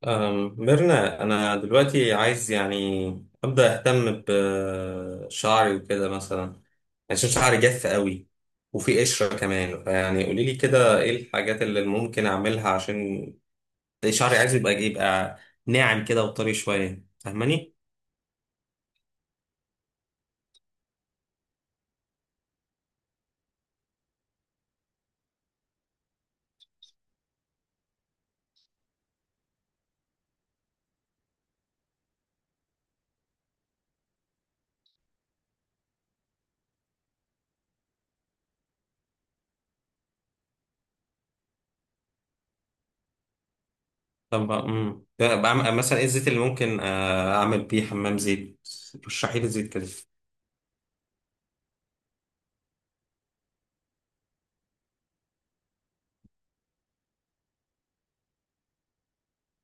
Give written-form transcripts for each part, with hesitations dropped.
ميرنا، أنا دلوقتي عايز يعني أبدأ أهتم بشعري وكده مثلا، عشان شعري جاف قوي وفي قشرة كمان. يعني قولي لي كده إيه الحاجات اللي ممكن أعملها عشان شعري؟ عايز يبقى ناعم كده وطري شوية، فاهماني؟ طب بعمل مثلا إيه الزيت اللي ممكن أعمل بيه حمام زيت؟ رشحي لي زيت كده.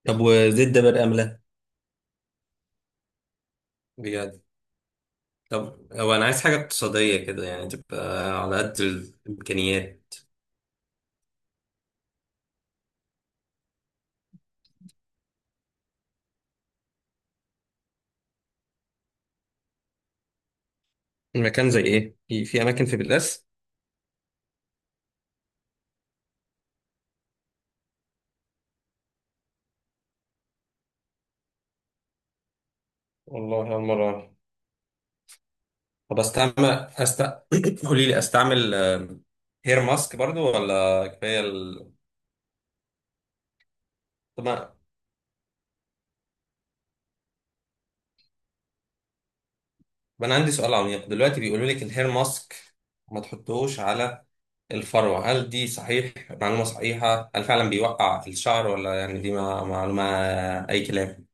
طب وزيت ده برقم لا؟ بجد؟ طب هو انا عايز حاجه اقتصاديه كده، يعني تبقى على قد الامكانيات. المكان زي ايه؟ في اماكن في بتلاس؟ والله اول مره أعرف. طب استعمل، أست... قولي لي، استعمل هير ماسك برضو ولا كفايه ال...؟ طب ما، طب انا عندي سؤال عميق دلوقتي. بيقولوا لك الهير ماسك ما تحطوش على الفروه، هل دي صحيح، معلومه صحيحه؟ هل فعلا بيوقع الشعر ولا يعني دي معلومه اي كلام؟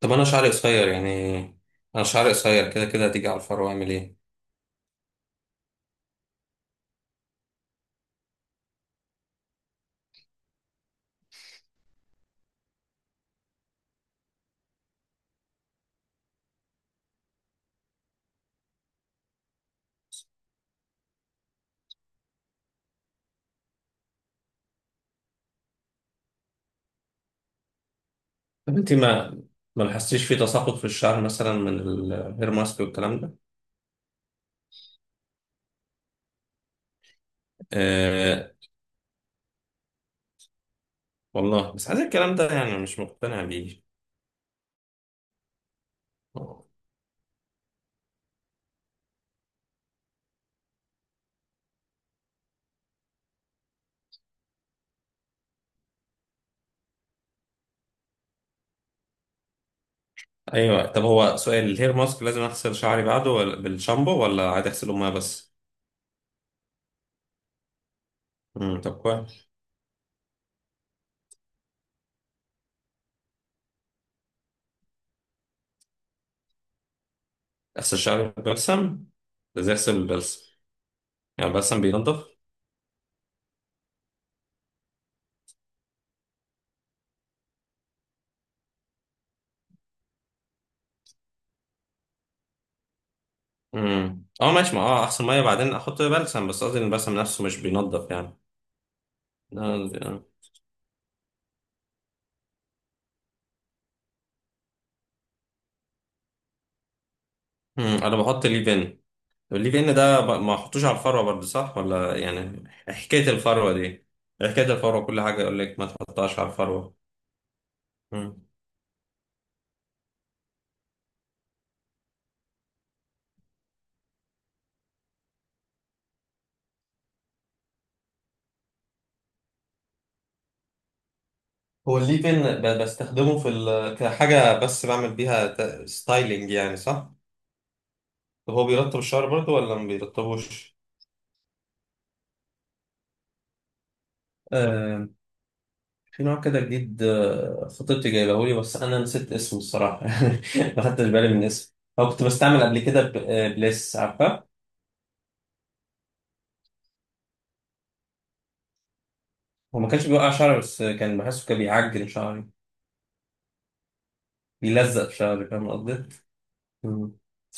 طب انا شعري قصير يعني، انا شعري قصير كده كده هتيجي على الفرو، اعمل ايه؟ طب انت ما، ما لاحظتيش في تساقط في الشعر مثلا من الهير ماسك والكلام ده؟ آه، والله بس عايز الكلام ده، يعني مش مقتنع بيه. ايوه. طب هو سؤال، الهير ماسك لازم اغسل شعري بعده ولا بالشامبو، ولا عادي اغسله ميه بس؟ طب كويس. اغسل شعري بالبلسم؟ ده زي اغسل بالبلسم؟ يعني البلسم بينضف؟ اه ماشي. ما اه اغسل ميه بعدين احط بلسم، بس قصدي ان البلسم نفسه مش بينضف يعني. انا بحط ليف ان. طب الليف ان ده ما احطوش على الفروه برضه، صح ولا يعني؟ حكايه الفروه دي، حكايه الفروه كل حاجه يقول لك ما تحطهاش على الفروه. مم. هو الليف ان بستخدمه في ال... كحاجه بس بعمل بيها ستايلينج يعني، صح؟ طب هو بيرطب الشعر برضه ولا ما بيرطبوش؟ آه، في نوع كده جديد، خطيبتي جايبه لي بس انا نسيت اسمه الصراحه. ما خدتش بالي من اسمه. هو كنت بستعمل قبل كده بليس، عارفه؟ هو ما كانش بيوقع شعري، بس كان بحسه كان بيعجن شعري، بيلزق في شعرك، فاهم قصدي؟ مم.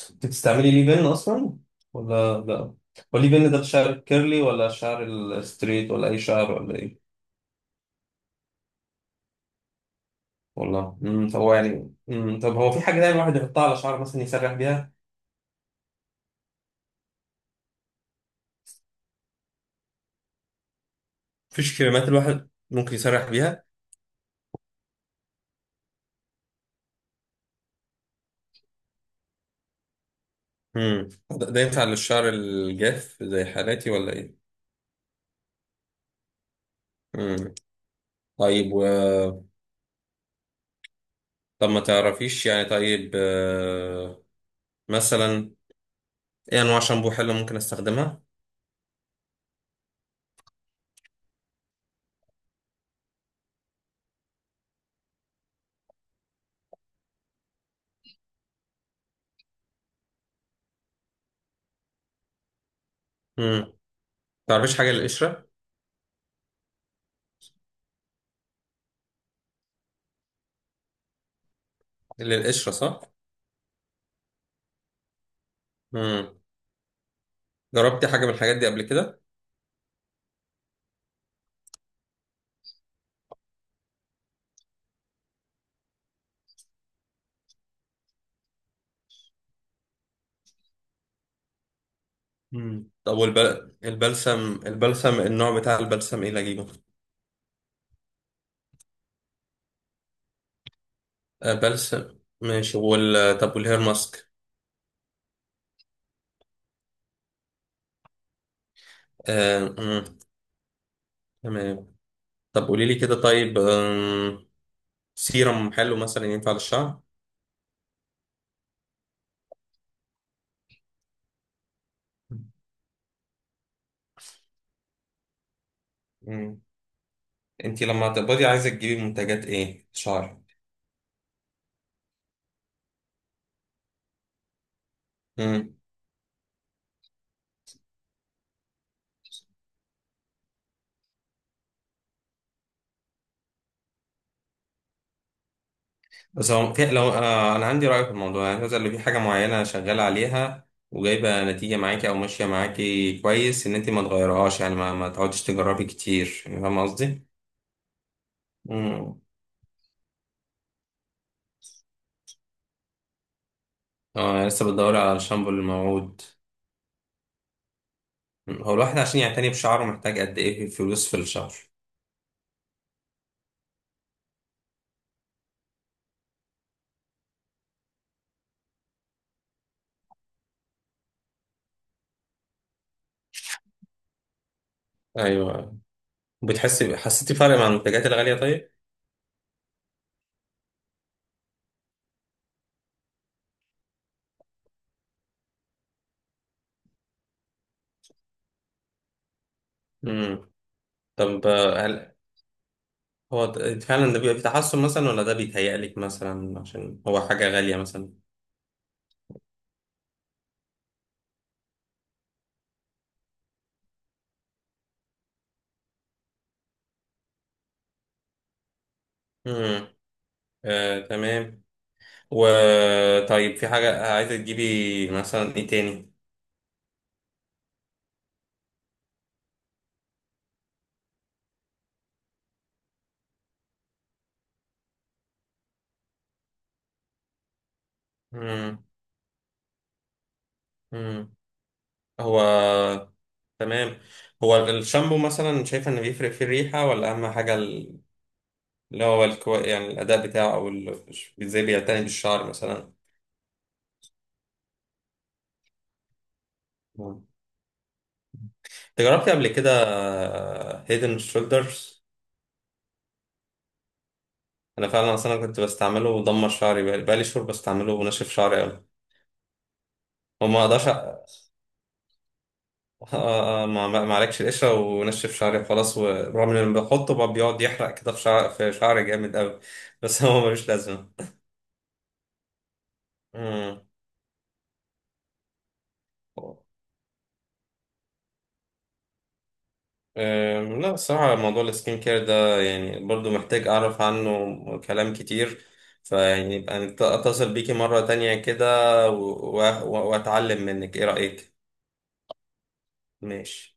كنت بتستعملي ليه بن أصلا ولا لا؟ هو ليه بن ده الشعر الكيرلي ولا الشعر الستريت ولا أي شعر ولا إيه؟ والله. مم. طب هو يعني، مم، طب هو في حاجة دايما الواحد يحطها على شعره مثلا يسرح بيها؟ مفيش كريمات الواحد ممكن يسرح بيها؟ مم. ده ينفع للشعر الجاف زي حالاتي ولا إيه؟ مم. طيب و... طب ما تعرفيش يعني، طيب مثلا إيه أنواع شامبو حلوة ممكن أستخدمها؟ مم. تعرفيش حاجة للقشرة؟ للقشرة، صح؟ مم. جربتي حاجة من الحاجات دي قبل كده؟ مم. طب والبل... البلسم، البلسم النوع بتاع البلسم ايه اللي اجيبه؟ آه، بلسم ماشي وال... طب والهير ماسك؟ آه... مم. تمام. طب قولي لي كده، طيب سيرم حلو مثلا ينفع للشعر؟ مم. انتي لما هتقبضي عايزة تجيبي منتجات ايه؟ شعر؟ بس هو في، لو آه انا عندي رأي في الموضوع، يعني مثلا لو في حاجة معينة شغالة عليها وجايبة نتيجة معاكي او ماشية معاكي كويس، ان انت ما تغيرهاش يعني، ما تقعديش تجربي كتير يعني، فاهم قصدي؟ امم. اه يعني لسه بتدوري على الشامبو الموعود. مم. هو الواحد عشان يعتني بشعره محتاج قد ايه في فلوس في الشهر؟ ايوه. بتحسي، حسيتي فرق مع المنتجات الغالية طيب؟ امم. طب هل هو فعلا ده بيبقى في تحسن مثلا، ولا ده بيتهيألك مثلا عشان هو حاجة غالية مثلا؟ امم. آه، تمام. وطيب في حاجة عايزة تجيبي مثلا ايه تاني؟ مم. مم. هو تمام. هو الشامبو مثلا شايفة ان بيفرق في الريحة، ولا اهم حاجة ال... اللي هو الكو... يعني الاداء بتاعه، او ال... ازاي بيعتني بالشعر مثلا. مم. انت جربتي قبل كده هيدن شولدرز؟ انا فعلا اصلا كنت بستعمله ودمر شعري. بقالي شهور بستعمله وناشف شعري قوي. وما اقدرش، ما عليكش، القشرة ونشف شعري وخلاص، ورغم ان أنا بحطه بقى بيقعد يحرق كده في شعر، في شعري جامد قوي. بس هو ملوش لازمة. مم. لا الصراحة، موضوع السكين كير ده يعني برضو محتاج أعرف عنه كلام كتير. فيعني يبقى أتصل بيكي مرة تانية كده، وأتعلم منك، إيه رأيك؟ ماشي.